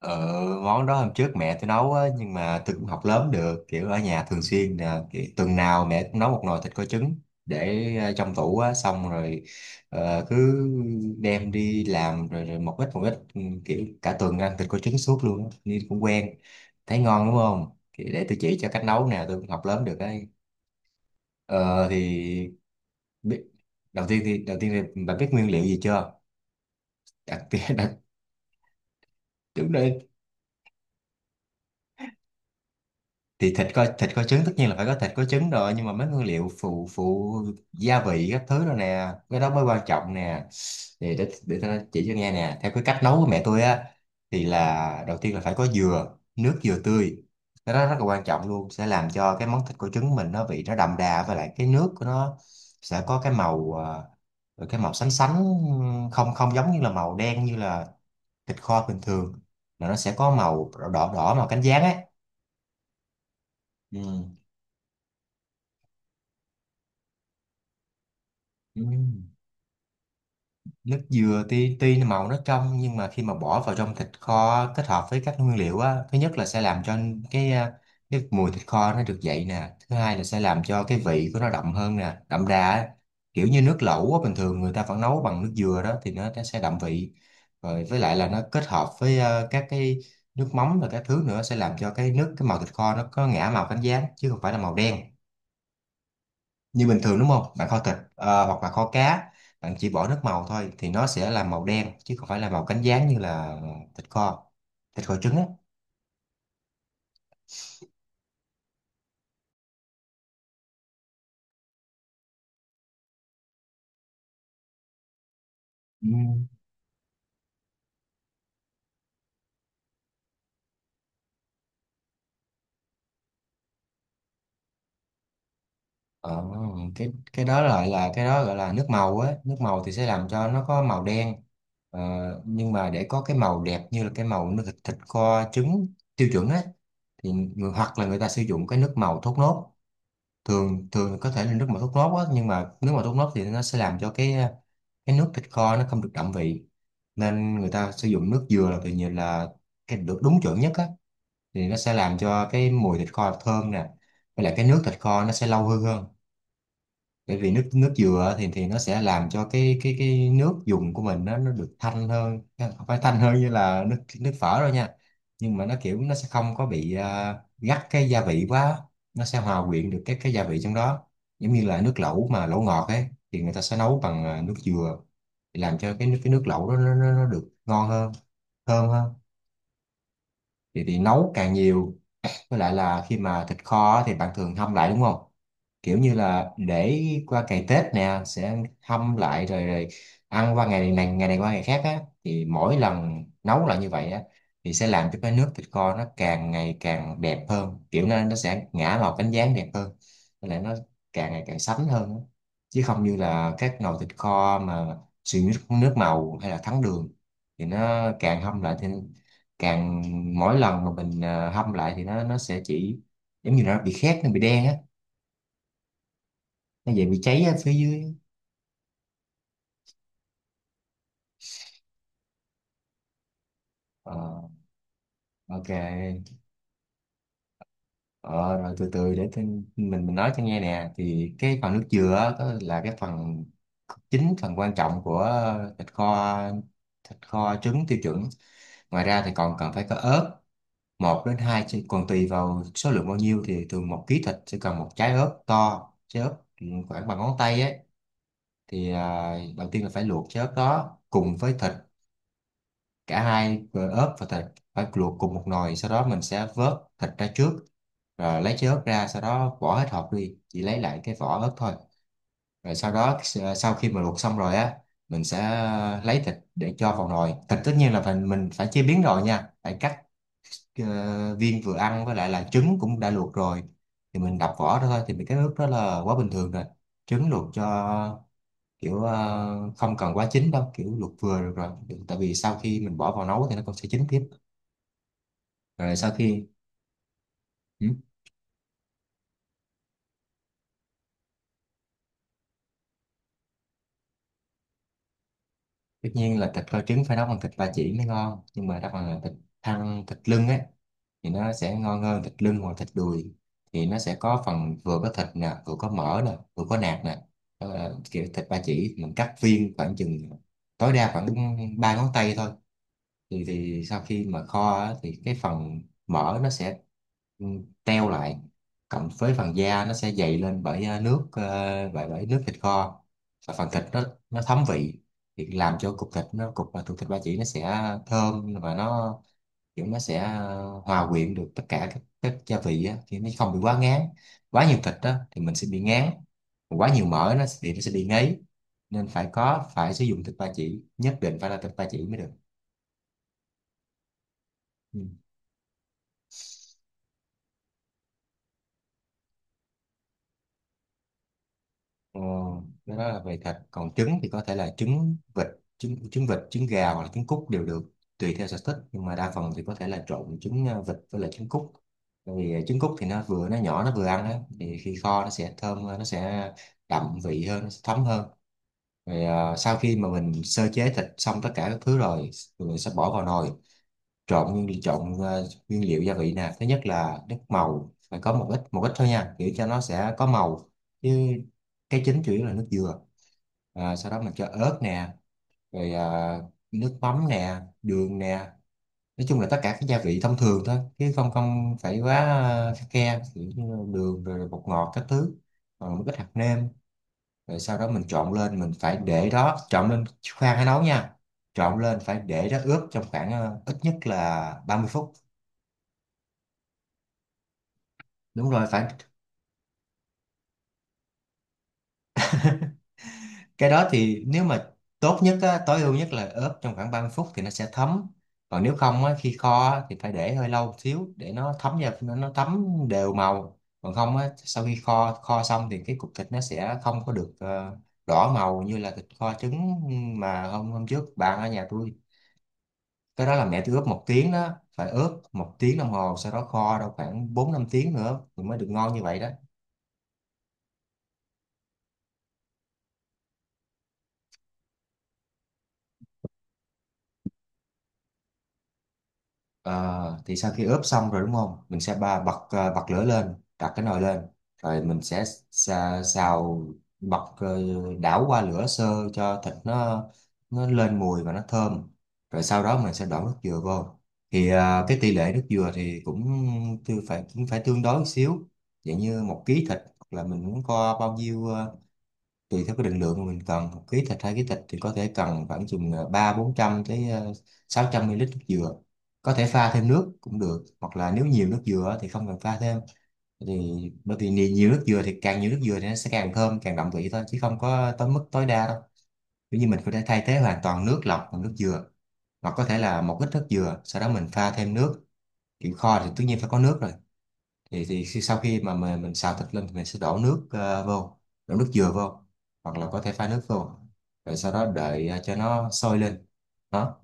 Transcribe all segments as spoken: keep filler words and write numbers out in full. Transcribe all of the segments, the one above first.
Ờ, món đó hôm trước mẹ tôi nấu á, nhưng mà tôi cũng học lớn được kiểu ở nhà thường xuyên là kiểu, tuần nào mẹ cũng nấu một nồi thịt kho trứng để ờ, trong tủ á, xong rồi ờ, cứ đem đi làm rồi, rồi một ít một ít, ừ, kiểu cả tuần ăn thịt kho trứng suốt luôn á, nên cũng quen. Thấy ngon đúng không? Thì để tôi chỉ cho cách nấu nè, tôi cũng học lớn được đấy. Ờ, thì biết, đầu tiên thì đầu tiên thì bà biết nguyên liệu gì chưa, đặc biệt? Đặc đúng, thì thịt, có thịt có trứng tất nhiên là phải có thịt có trứng rồi, nhưng mà mấy nguyên liệu phụ phụ, gia vị các thứ rồi nè, cái đó mới quan trọng nè. Thì để để tao chỉ cho nghe nè, theo cái cách nấu của mẹ tôi á, thì là đầu tiên là phải có dừa, nước dừa tươi. Cái đó rất là quan trọng luôn, sẽ làm cho cái món thịt của trứng mình nó vị nó đậm đà, với lại cái nước của nó sẽ có cái màu, ờ, cái màu sánh sánh, không không giống như là màu đen như là thịt kho bình thường, mà nó sẽ có màu đỏ đỏ, đỏ màu cánh gián ấy. Ừ. Ừ. Nước dừa tuy tuy nó màu nó trong, nhưng mà khi mà bỏ vào trong thịt kho kết hợp với các nguyên liệu á, thứ nhất là sẽ làm cho cái à, cái mùi thịt kho nó được dậy nè, thứ hai là sẽ làm cho cái vị của nó đậm hơn nè, đậm đà á. Kiểu như nước lẩu á, bình thường người ta vẫn nấu bằng nước dừa đó, thì nó, nó sẽ đậm vị. Rồi với lại là nó kết hợp với à, các cái nước mắm và các thứ nữa, sẽ làm cho cái nước, cái màu thịt kho nó có ngả màu cánh gián chứ không phải là màu đen như bình thường, đúng không? Bạn kho thịt ờ, hoặc là kho cá, bạn chỉ bỏ nước màu thôi thì nó sẽ là màu đen chứ không phải là màu cánh gián như là thịt kho thịt kho trứng á. Ừ. ờ, cái cái đó lại là, cái đó gọi là nước màu á, nước màu thì sẽ làm cho nó có màu đen. ờ, nhưng mà để có cái màu đẹp như là cái màu nước thịt, thịt kho trứng tiêu chuẩn á, thì người- hoặc là người ta sử dụng cái nước màu thốt nốt. Thường thường có thể là nước mà thốt nốt á, nhưng mà nước mà thốt nốt thì nó sẽ làm cho cái cái nước thịt kho nó không được đậm vị, nên người ta sử dụng nước dừa là tự nhiên là cái được đúng chuẩn nhất á. Thì nó sẽ làm cho cái mùi thịt kho thơm nè, với lại cái nước thịt kho nó sẽ lâu hơn hơn, bởi vì nước nước dừa thì thì nó sẽ làm cho cái cái cái nước dùng của mình nó nó được thanh hơn, không phải thanh hơn như là nước nước phở đâu nha, nhưng mà nó kiểu nó sẽ không có bị à, gắt cái gia vị quá, nó sẽ hòa quyện được cái cái gia vị trong đó, giống như là nước lẩu mà lẩu ngọt ấy, thì người ta sẽ nấu bằng à, nước dừa để làm cho cái nước cái nước lẩu đó nó, nó, nó được ngon hơn, thơm hơn. Thì thì nấu càng nhiều. Với lại là khi mà thịt kho thì bạn thường hâm lại đúng không? Kiểu như là để qua ngày Tết nè, sẽ hâm lại rồi rồi ăn qua ngày này ngày này qua ngày khác á, thì mỗi lần nấu lại như vậy á, thì sẽ làm cho cái nước thịt kho nó càng ngày càng đẹp hơn, kiểu nó nó sẽ ngả màu cánh gián đẹp hơn, với lại nó càng ngày càng sánh hơn á. Chứ không như là các nồi thịt kho mà sử dụng nước nước màu hay là thắng đường, thì nó càng hâm lại thì càng, mỗi lần mà mình ờ, hâm lại thì nó nó sẽ chỉ giống như nó bị khét, nó bị đen á, nó vậy bị cháy ở phía dưới. Ờ, ok. ờ, rồi từ từ để tin- mình mình nói cho nghe nè. Thì cái phần nước dừa á, có là cái phần chính, phần quan trọng của thịt kho thịt kho trứng tiêu chuẩn. Ngoài ra thì còn cần phải có ớt, một đến hai, chứ còn tùy vào số lượng bao nhiêu, thì thường một ký thịt sẽ cần một trái ớt to, trái ớt khoảng bằng ngón tay ấy. Thì à, đầu tiên là phải luộc cái ớt đó cùng với thịt, cả hai, ờ, ớt và thịt phải luộc cùng một nồi, sau đó mình sẽ vớt thịt ra trước, rồi lấy cái ớt ra, sau đó vỏ hết hộp đi, chỉ lấy lại cái vỏ ớt thôi. Rồi sau đó s- sau khi mà luộc xong rồi á, mình sẽ lấy thịt để cho vào nồi thịt. Tất nhiên là phải, mình phải chế biến rồi nha, phải cắt ờ, viên vừa ăn, với lại là trứng cũng đã luộc rồi thì mình đập vỏ ra thôi, thì mấy cái ớt đó là quá bình thường rồi. Trứng luộc cho kiểu ờ, không cần quá chín đâu, kiểu luộc vừa được rồi. Được, tại vì sau khi mình bỏ vào nấu thì nó cũng sẽ chín tiếp. Rồi sau khi, ừ, tất nhiên là thịt kho trứng phải nấu bằng thịt ba chỉ mới ngon, nhưng mà đặc phần là thịt thăn, thịt lưng ấy, thì nó sẽ ngon hơn thịt lưng hoặc thịt đùi, thì nó sẽ có phần vừa có thịt nè vừa có mỡ nè vừa có nạc nè. Đó là kiểu thịt ba chỉ mình cắt viên khoảng chừng tối đa khoảng ba ngón tay thôi. Thì thì sau khi mà kho á, thì cái phần mỡ nó sẽ, ừ, teo lại, cộng với phần da nó sẽ dày lên bởi ờ, nước, ờ, bởi bởi nước thịt kho, và phần thịt nó nó thấm vị, thì làm cho cục thịt nó cục, và thịt ba chỉ nó sẽ thơm và nó kiểu nó sẽ ờ, hòa quyện được tất cả các, các gia vị á, thì nó không bị quá ngán. Quá nhiều thịt đó thì mình sẽ bị ngán, quá nhiều mỡ nó sẽ bị nó sẽ bị ngấy, nên phải có, phải sử dụng thịt ba chỉ, nhất định phải là thịt ba chỉ mới được. Ừ. Ờ, cái đó là về thịt, còn trứng thì có thể là trứng vịt, trứng trứng vịt, trứng gà hoặc là trứng cút đều được, tùy theo sở thích. Nhưng mà đa phần thì có thể là trộn trứng ờ, vịt với lại trứng cút, tại vì ờ, trứng cút thì nó vừa nó nhỏ nó vừa ăn đó, thì khi kho nó sẽ thơm hơn, nó sẽ đậm vị hơn, nó sẽ thấm hơn. Rồi ờ, sau khi mà mình sơ chế thịt xong tất cả các thứ rồi, rồi mình sẽ bỏ vào nồi, trộn nguyên chọn ờ, nguyên liệu gia vị nè. Thứ nhất là nước màu phải có một ít, một ít thôi nha, kiểu cho nó sẽ có màu, chứ cái chính chủ yếu là nước dừa. À, sau đó mình cho ớt nè, rồi à, nước mắm nè, đường nè, nói chung là tất cả các gia vị thông thường thôi, chứ không không phải quá à, khắt khe, kiểu như đường rồi bột ngọt các thứ, rồi một ít hạt nêm. Rồi sau đó mình trộn lên, mình phải để đó, trộn lên, khoan hãy nấu nha. Trộn lên phải để đó ướp trong khoảng, à, ít nhất là ba mươi phút. Đúng rồi, phải. Cái đó thì nếu mà tốt nhất á, tối ưu nhất là ướp trong khoảng ba mươi phút thì nó sẽ thấm. Còn nếu không á, khi kho á, thì phải để hơi lâu một xíu để nó thấm vào, nó, nó thấm đều màu. Còn không á, sau khi kho kho xong thì cái cục thịt nó sẽ không có được, ờ, đỏ màu như là thịt kho trứng mà hôm hôm trước bạn ở nhà tôi. Cái đó là mẹ tôi ướp một tiếng đó, phải ướp một tiếng đồng hồ, sau đó kho đâu khoảng bốn năm tiếng nữa thì mới được ngon như vậy đó. Ờ, thì sau khi ướp xong rồi đúng không? Mình sẽ ba bật ờ, bật lửa lên, đặt cái nồi lên, rồi mình sẽ xào, xào bật ờ, đảo qua lửa sơ cho thịt nó nó lên mùi và nó thơm. Rồi sau đó mình sẽ đổ nước dừa vô. Thì ờ, cái tỷ lệ nước dừa thì cũng tư phải cũng phải tương đối một xíu, dạng như một ký thịt hoặc là mình muốn có bao nhiêu ờ, tùy theo cái định lượng mà mình cần một ký thịt hai ký thịt thì có thể cần khoảng chừng ờ, ba bốn trăm tới ờ, sáu trăm ml nước dừa, có thể pha thêm nước cũng được, hoặc là nếu nhiều nước dừa á thì không cần pha thêm. Thì bởi vì nhiều nhiều nước dừa, thì càng nhiều nước dừa thì nó sẽ càng thơm càng đậm vị thôi chứ không có tới mức tối đa đâu. Ví dụ như mình có thể thay thế hoàn toàn nước lọc bằng nước dừa, hoặc có thể là một ít nước dừa sau đó mình pha thêm nước, kiểu kho thì tất nhiên phải có nước rồi. Thì thì khi- sau khi mà mình, mình xào thịt lên thì mình sẽ đổ nước ờ, vô, đổ nước dừa vô, hoặc là có thể pha nước vô, rồi sau đó đợi ờ, cho nó sôi lên đó.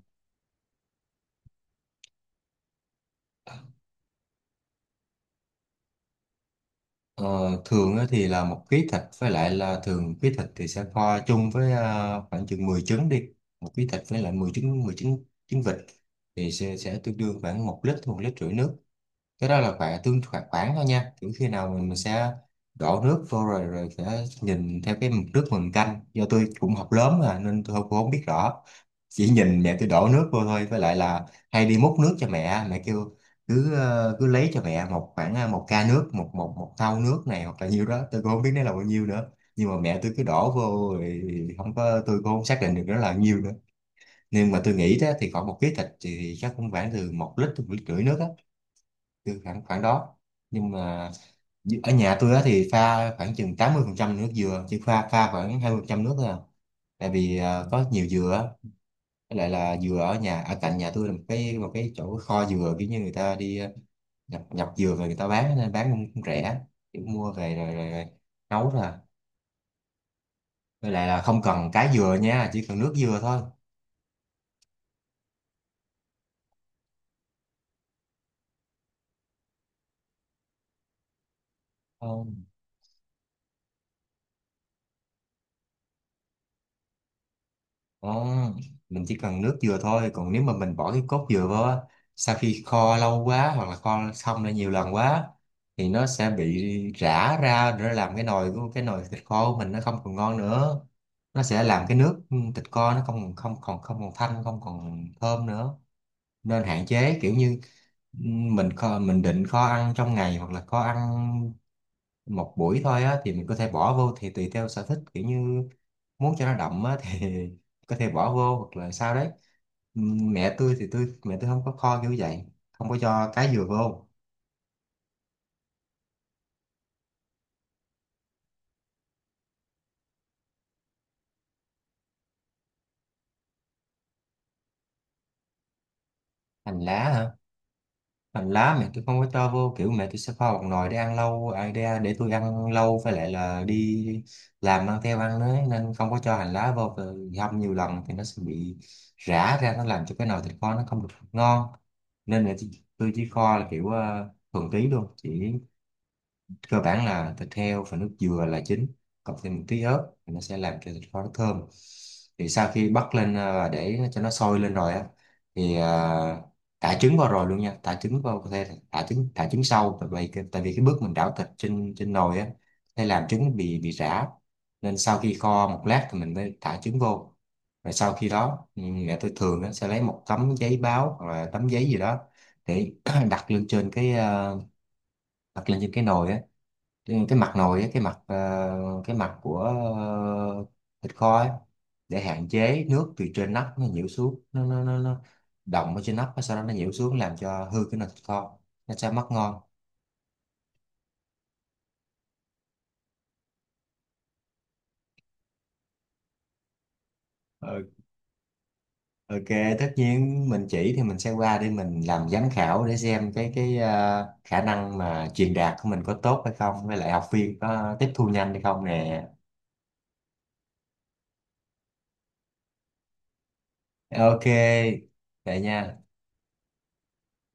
Ờ, Thường á thì là một ký thịt, với lại là thường ký thịt thì sẽ kho chung với ờ, khoảng chừng mười trứng đi, một ký thịt với lại mười trứng, mười trứng trứng vịt, thì sẽ, sẽ tương đương khoảng một lít một lít rưỡi nước. Cái đó là khoảng tương khoảng khoảng thôi nha, kiểu khi nào mình, mình sẽ đổ nước vô rồi rồi sẽ nhìn theo cái mực nước mình canh, do tôi cũng học lớn mà nên tôi không, cũng không biết rõ, chỉ nhìn mẹ tôi đổ nước vô thôi, với lại là hay đi múc nước cho mẹ, mẹ kêu cứ ờ, cứ lấy cho mẹ một khoảng ờ, một ca nước, một một một thau nước này hoặc là nhiêu đó, tôi cũng không biết nó là bao nhiêu nữa, nhưng mà mẹ tôi cứ đổ vô rồi. Không có Tôi cũng không xác định được nó là nhiêu nữa, nhưng mà tôi nghĩ đó thì khoảng một ký thịt thì chắc cũng khoảng từ một lít tới một lít rưỡi nước á, từ khoảng khoảng đó. Nhưng mà d- ở nhà tôi á thì pha khoảng chừng tám mươi phần trăm nước dừa, chứ pha pha khoảng hai mươi phần trăm nước thôi à, tại vì ờ, có nhiều dừa á. Với lại là dừa ở nhà, ở cạnh nhà tôi là một cái một cái chỗ kho dừa, kiểu như người ta đi ờ, nhập nhập dừa về người ta bán, nên bán cũng, cũng rẻ, kiểu mua về rồi, rồi, rồi nấu ra. Với lại là không cần cái dừa nha, chỉ cần nước dừa thôi. Ờ, Ồ, mình chỉ cần nước dừa thôi, còn nếu mà mình bỏ cái cốt dừa vào á, sau khi kho lâu quá hoặc là kho xong ra nhiều lần quá thì nó sẽ bị rã ra, để làm cái nồi của cái nồi thịt kho của mình nó không còn ngon nữa, nó sẽ làm cái nước ừ, thịt kho nó không không còn, không còn thanh, không còn thơm nữa. Nên hạn chế, kiểu như ừm, mình kho, mình định kho ăn trong ngày hoặc là kho ăn một buổi thôi á thì mình có thể bỏ vô, thì tùy theo sở thích, kiểu như muốn cho nó đậm á thì có thể bỏ vô hoặc là sao đấy. Ừm, mẹ tôi thì tôi mẹ tôi không có kho kiểu vậy, không có cho cá dừa vô. Hành lá hả? Hành lá mẹ tôi không có cho vô, kiểu mẹ tôi sẽ kho một nồi để ăn lâu à, để, để tôi ăn lâu, với lại là đi làm mang theo ăn đấy nên không có cho hành lá vô. Rồi hâm nhiều lần thì nó sẽ bị rã ra, nó làm cho cái nồi thịt kho nó không được ngon. Nên là tôi, tôi chỉ kho là kiểu uh, thuần túy luôn, chỉ cơ bản là thịt heo và nước dừa là chính, cộng thêm một tí ớt thì nó sẽ làm cho thịt kho nó thơm. Thì sau khi bắt lên à, và để cho nó sôi lên rồi á thì à, thả trứng vào rồi luôn nha, thả trứng vào, có thể là thả trứng thả trứng sau, tại vì cái- tại vì cái bước mình đảo thịt trên trên nồi á sẽ làm trứng bị bị rã, nên sau khi kho một lát thì mình mới thả trứng vô. Rồi sau khi đó ừ, mẹ tôi thường á sẽ lấy một tấm giấy báo hoặc là tấm giấy gì đó để đặt lên trên cái à, đặt lên trên cái nồi á, cái cái mặt nồi á, cái mặt ờ, cái mặt của ờ, thịt kho ấy, để hạn chế nước từ trên nắp nó nhiễu xuống, nó nó nó, nó đọng ở trên nắp sau đó nó nhiễu xuống làm cho hư cái nồi thịt kho, nó sẽ mất ngon. Ờ, ok, tất nhiên mình chỉ thì mình sẽ qua để mình làm giám khảo để xem cái cái ờ, khả năng mà truyền đạt của mình có tốt hay không, với lại học viên có tiếp thu nhanh hay không nè. Ok, vậy nha.